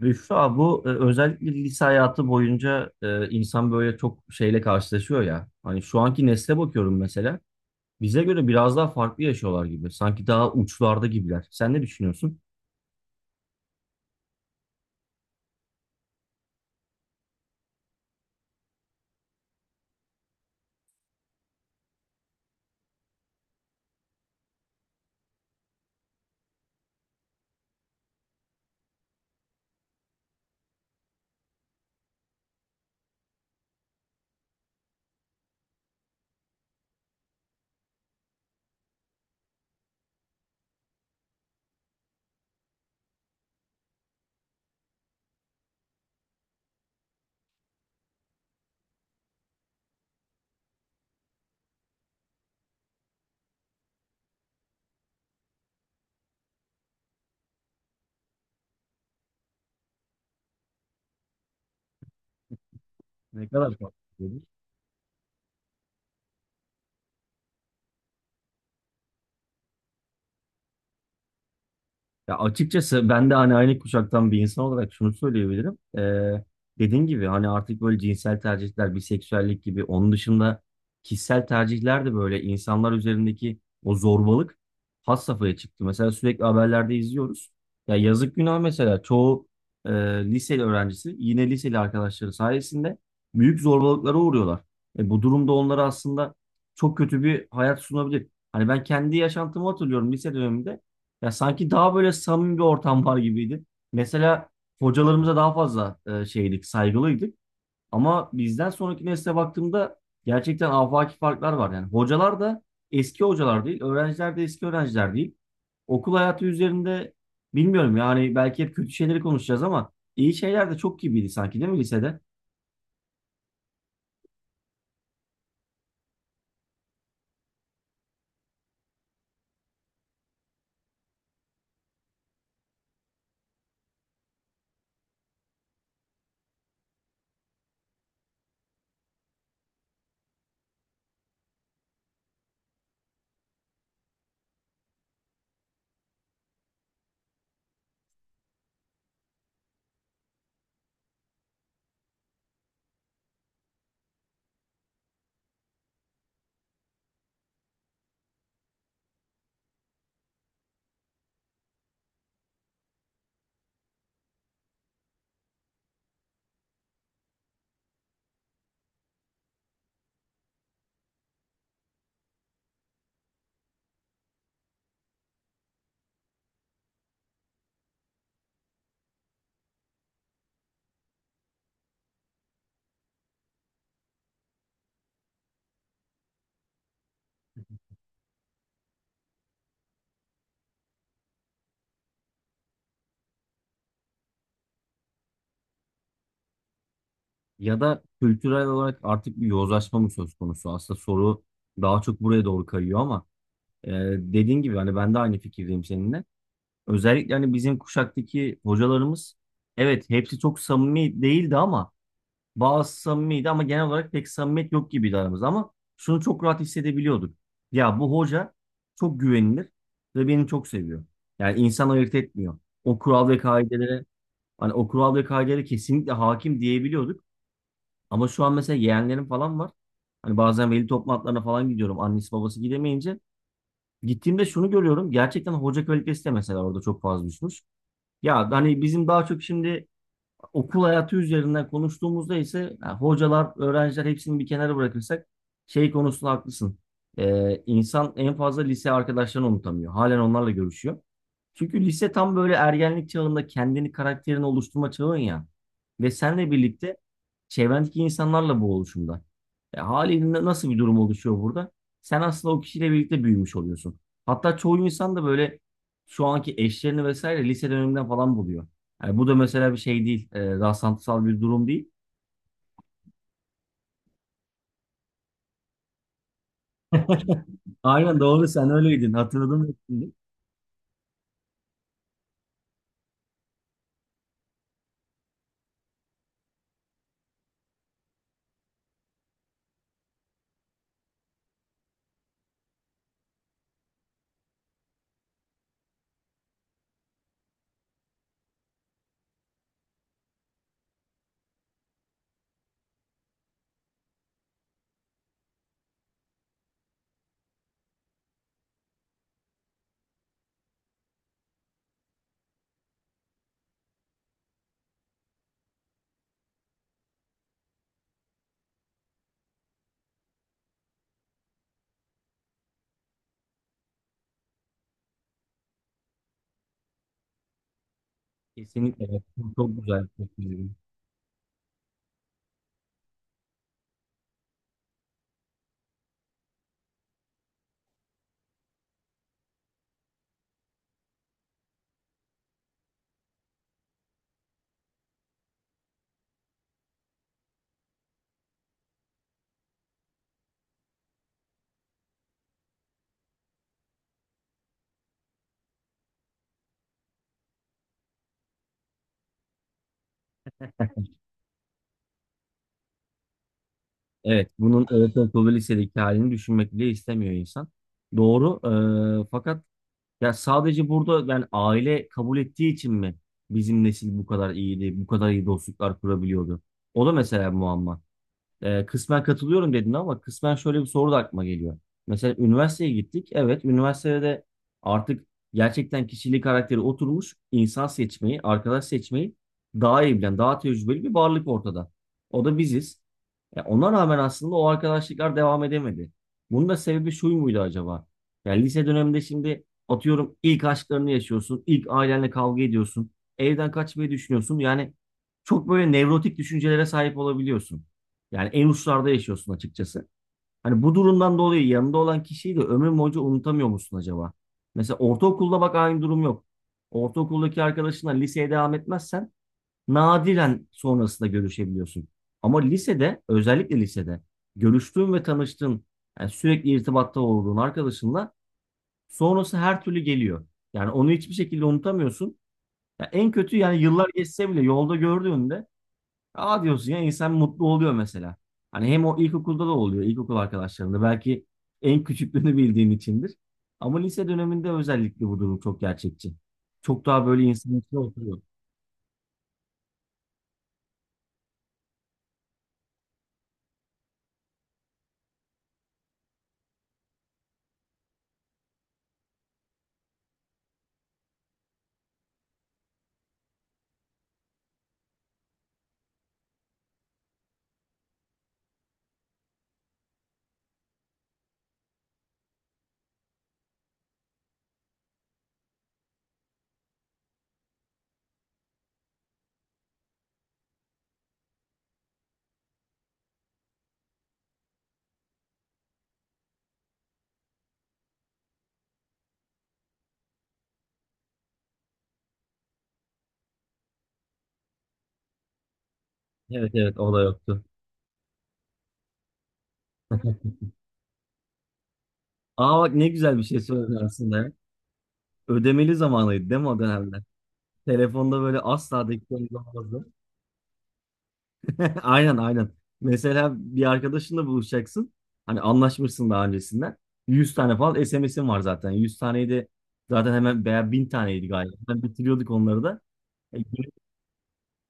Büşra bu özellikle lise hayatı boyunca insan böyle çok şeyle karşılaşıyor ya. Hani şu anki nesle bakıyorum mesela. Bize göre biraz daha farklı yaşıyorlar gibi. Sanki daha uçlarda gibiler. Sen ne düşünüyorsun? Ne kadar farklı? Ya açıkçası ben de hani aynı kuşaktan bir insan olarak şunu söyleyebilirim. Dediğin gibi hani artık böyle cinsel tercihler, biseksüellik gibi onun dışında kişisel tercihler de böyle insanlar üzerindeki o zorbalık has safhaya çıktı. Mesela sürekli haberlerde izliyoruz. Ya yazık günah mesela çoğu e, liseli öğrencisi yine liseli arkadaşları sayesinde büyük zorbalıklara uğruyorlar. Bu durumda onlara aslında çok kötü bir hayat sunabilir. Hani ben kendi yaşantımı hatırlıyorum lise döneminde. Ya sanki daha böyle samimi bir ortam var gibiydi. Mesela hocalarımıza daha fazla şeydik, saygılıydık. Ama bizden sonraki nesle baktığımda gerçekten afaki farklar var. Yani hocalar da eski hocalar değil, öğrenciler de eski öğrenciler değil. Okul hayatı üzerinde bilmiyorum yani belki hep kötü şeyleri konuşacağız ama iyi şeyler de çok gibiydi sanki, değil mi lisede? Ya da kültürel olarak artık bir yozlaşma mı söz konusu? Aslında soru daha çok buraya doğru kayıyor ama e, dediğin gibi hani ben de aynı fikirdeyim seninle. Özellikle hani bizim kuşaktaki hocalarımız evet hepsi çok samimi değildi ama bazı samimiydi ama genel olarak pek samimiyet yok gibiydi aramızda ama şunu çok rahat hissedebiliyorduk. Ya bu hoca çok güvenilir ve beni çok seviyor. Yani insan ayırt etmiyor. O kural ve kaidelere Hani o kural ve kaidelere kesinlikle hakim diyebiliyorduk. Ama şu an mesela yeğenlerim falan var. Hani bazen veli toplantılarına falan gidiyorum. Annesi babası gidemeyince. Gittiğimde şunu görüyorum. Gerçekten hoca kalitesi de mesela orada çok fazla düşmüş. Ya hani bizim daha çok şimdi okul hayatı üzerinden konuştuğumuzda ise ha, hocalar, öğrenciler hepsini bir kenara bırakırsak şey konusunda haklısın. İnsan en fazla lise arkadaşlarını unutamıyor. Halen onlarla görüşüyor. Çünkü lise tam böyle ergenlik çağında kendini karakterini oluşturma çağın ya. Ve senle birlikte çevrendeki insanlarla bu oluşumda. Haliyle nasıl bir durum oluşuyor burada? Sen aslında o kişiyle birlikte büyümüş oluyorsun. Hatta çoğu insan da böyle şu anki eşlerini vesaire lise döneminden falan buluyor. Yani bu da mesela bir şey değil. Rastlantısal bir durum değil. Aynen doğru, sen öyleydin. Hatırladım şimdi. Kesinlikle, evet. Çok, çok güzel. Çok güzel. Evet. Bunun ortaokul ve lisedeki halini düşünmek bile istemiyor insan. Doğru. Fakat ya sadece burada yani aile kabul ettiği için mi bizim nesil bu kadar iyiydi, bu kadar iyi dostluklar kurabiliyordu? O da mesela muamma. Kısmen katılıyorum dedin ama kısmen şöyle bir soru da aklıma geliyor. Mesela üniversiteye gittik. Evet, üniversitede de artık gerçekten kişiliği karakteri oturmuş insan seçmeyi, arkadaş seçmeyi daha iyi bilen, daha tecrübeli bir varlık ortada. O da biziz. Ya ona rağmen aslında o arkadaşlıklar devam edemedi. Bunun da sebebi şu muydu acaba? Yani lise döneminde şimdi atıyorum ilk aşklarını yaşıyorsun, ilk ailenle kavga ediyorsun, evden kaçmayı düşünüyorsun. Yani çok böyle nevrotik düşüncelere sahip olabiliyorsun. Yani en uçlarda yaşıyorsun açıkçası. Hani bu durumdan dolayı yanında olan kişiyi de ömür boyunca unutamıyor musun acaba? Mesela ortaokulda bak aynı durum yok. Ortaokuldaki arkadaşınla liseye devam etmezsen nadiren sonrasında görüşebiliyorsun. Ama lisede, özellikle lisede görüştüğün ve tanıştığın, yani sürekli irtibatta olduğun arkadaşınla sonrası her türlü geliyor. Yani onu hiçbir şekilde unutamıyorsun. Ya en kötü yani yıllar geçse bile yolda gördüğünde aa diyorsun ya, insan mutlu oluyor mesela. Hani hem o ilkokulda da oluyor, ilkokul arkadaşlarında belki en küçüklüğünü bildiğin içindir. Ama lise döneminde özellikle bu durum çok gerçekçi. Çok daha böyle insanın içine oturuyor. Evet, evet, o da yoktu. Aa bak ne güzel bir şey söyledin aslında ya. Ödemeli zamanıydı değil mi o dönemler? Telefonda böyle asla dakikanız olmazdı. Aynen, aynen. Mesela bir arkadaşınla buluşacaksın. Hani anlaşmışsın daha öncesinden. 100 tane falan SMS'in var zaten. 100 taneyi de zaten hemen veya 1000 taneydi galiba. Ben bitiriyorduk onları da. E,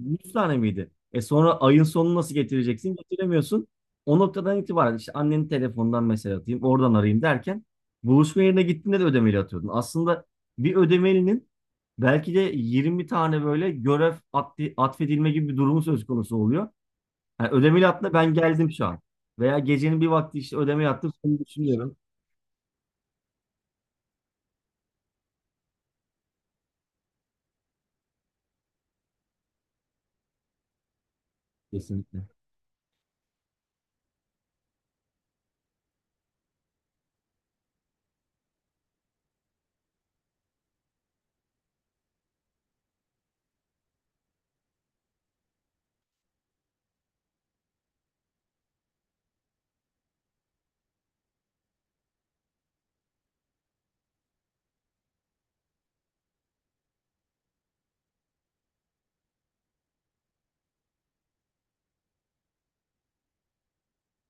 100 tane miydi? E sonra ayın sonunu nasıl getireceksin? Getiremiyorsun. O noktadan itibaren işte annenin telefonundan mesaj atayım, oradan arayayım derken buluşma yerine gittiğinde de ödemeli atıyordun. Aslında bir ödemelinin belki de 20 tane böyle atfedilme gibi bir durumu söz konusu oluyor. Yani ödemeli atla ben geldim şu an. Veya gecenin bir vakti işte ödemeli attım. Seni düşünüyorum. Kesinlikle.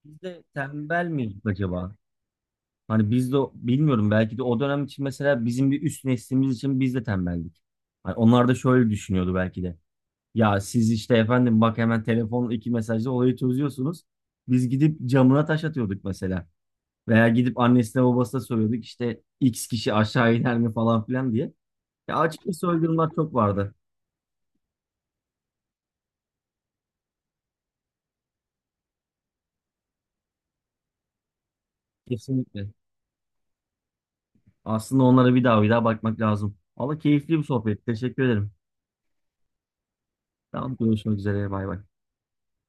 Biz de tembel miyiz acaba? Hani biz de bilmiyorum belki de o dönem için mesela bizim bir üst neslimiz için biz de tembeldik. Hani onlar da şöyle düşünüyordu belki de. Ya siz işte efendim bak hemen telefonla 2 mesajla olayı çözüyorsunuz. Biz gidip camına taş atıyorduk mesela. Veya gidip annesine babasına soruyorduk işte X kişi aşağı iner mi falan filan diye. Ya açıkçası öyle durumlar çok vardı. Kesinlikle. Aslında onlara bir daha bir daha bakmak lazım. Valla keyifli bir sohbet. Teşekkür ederim. Tamam, görüşmek üzere. Bay bay.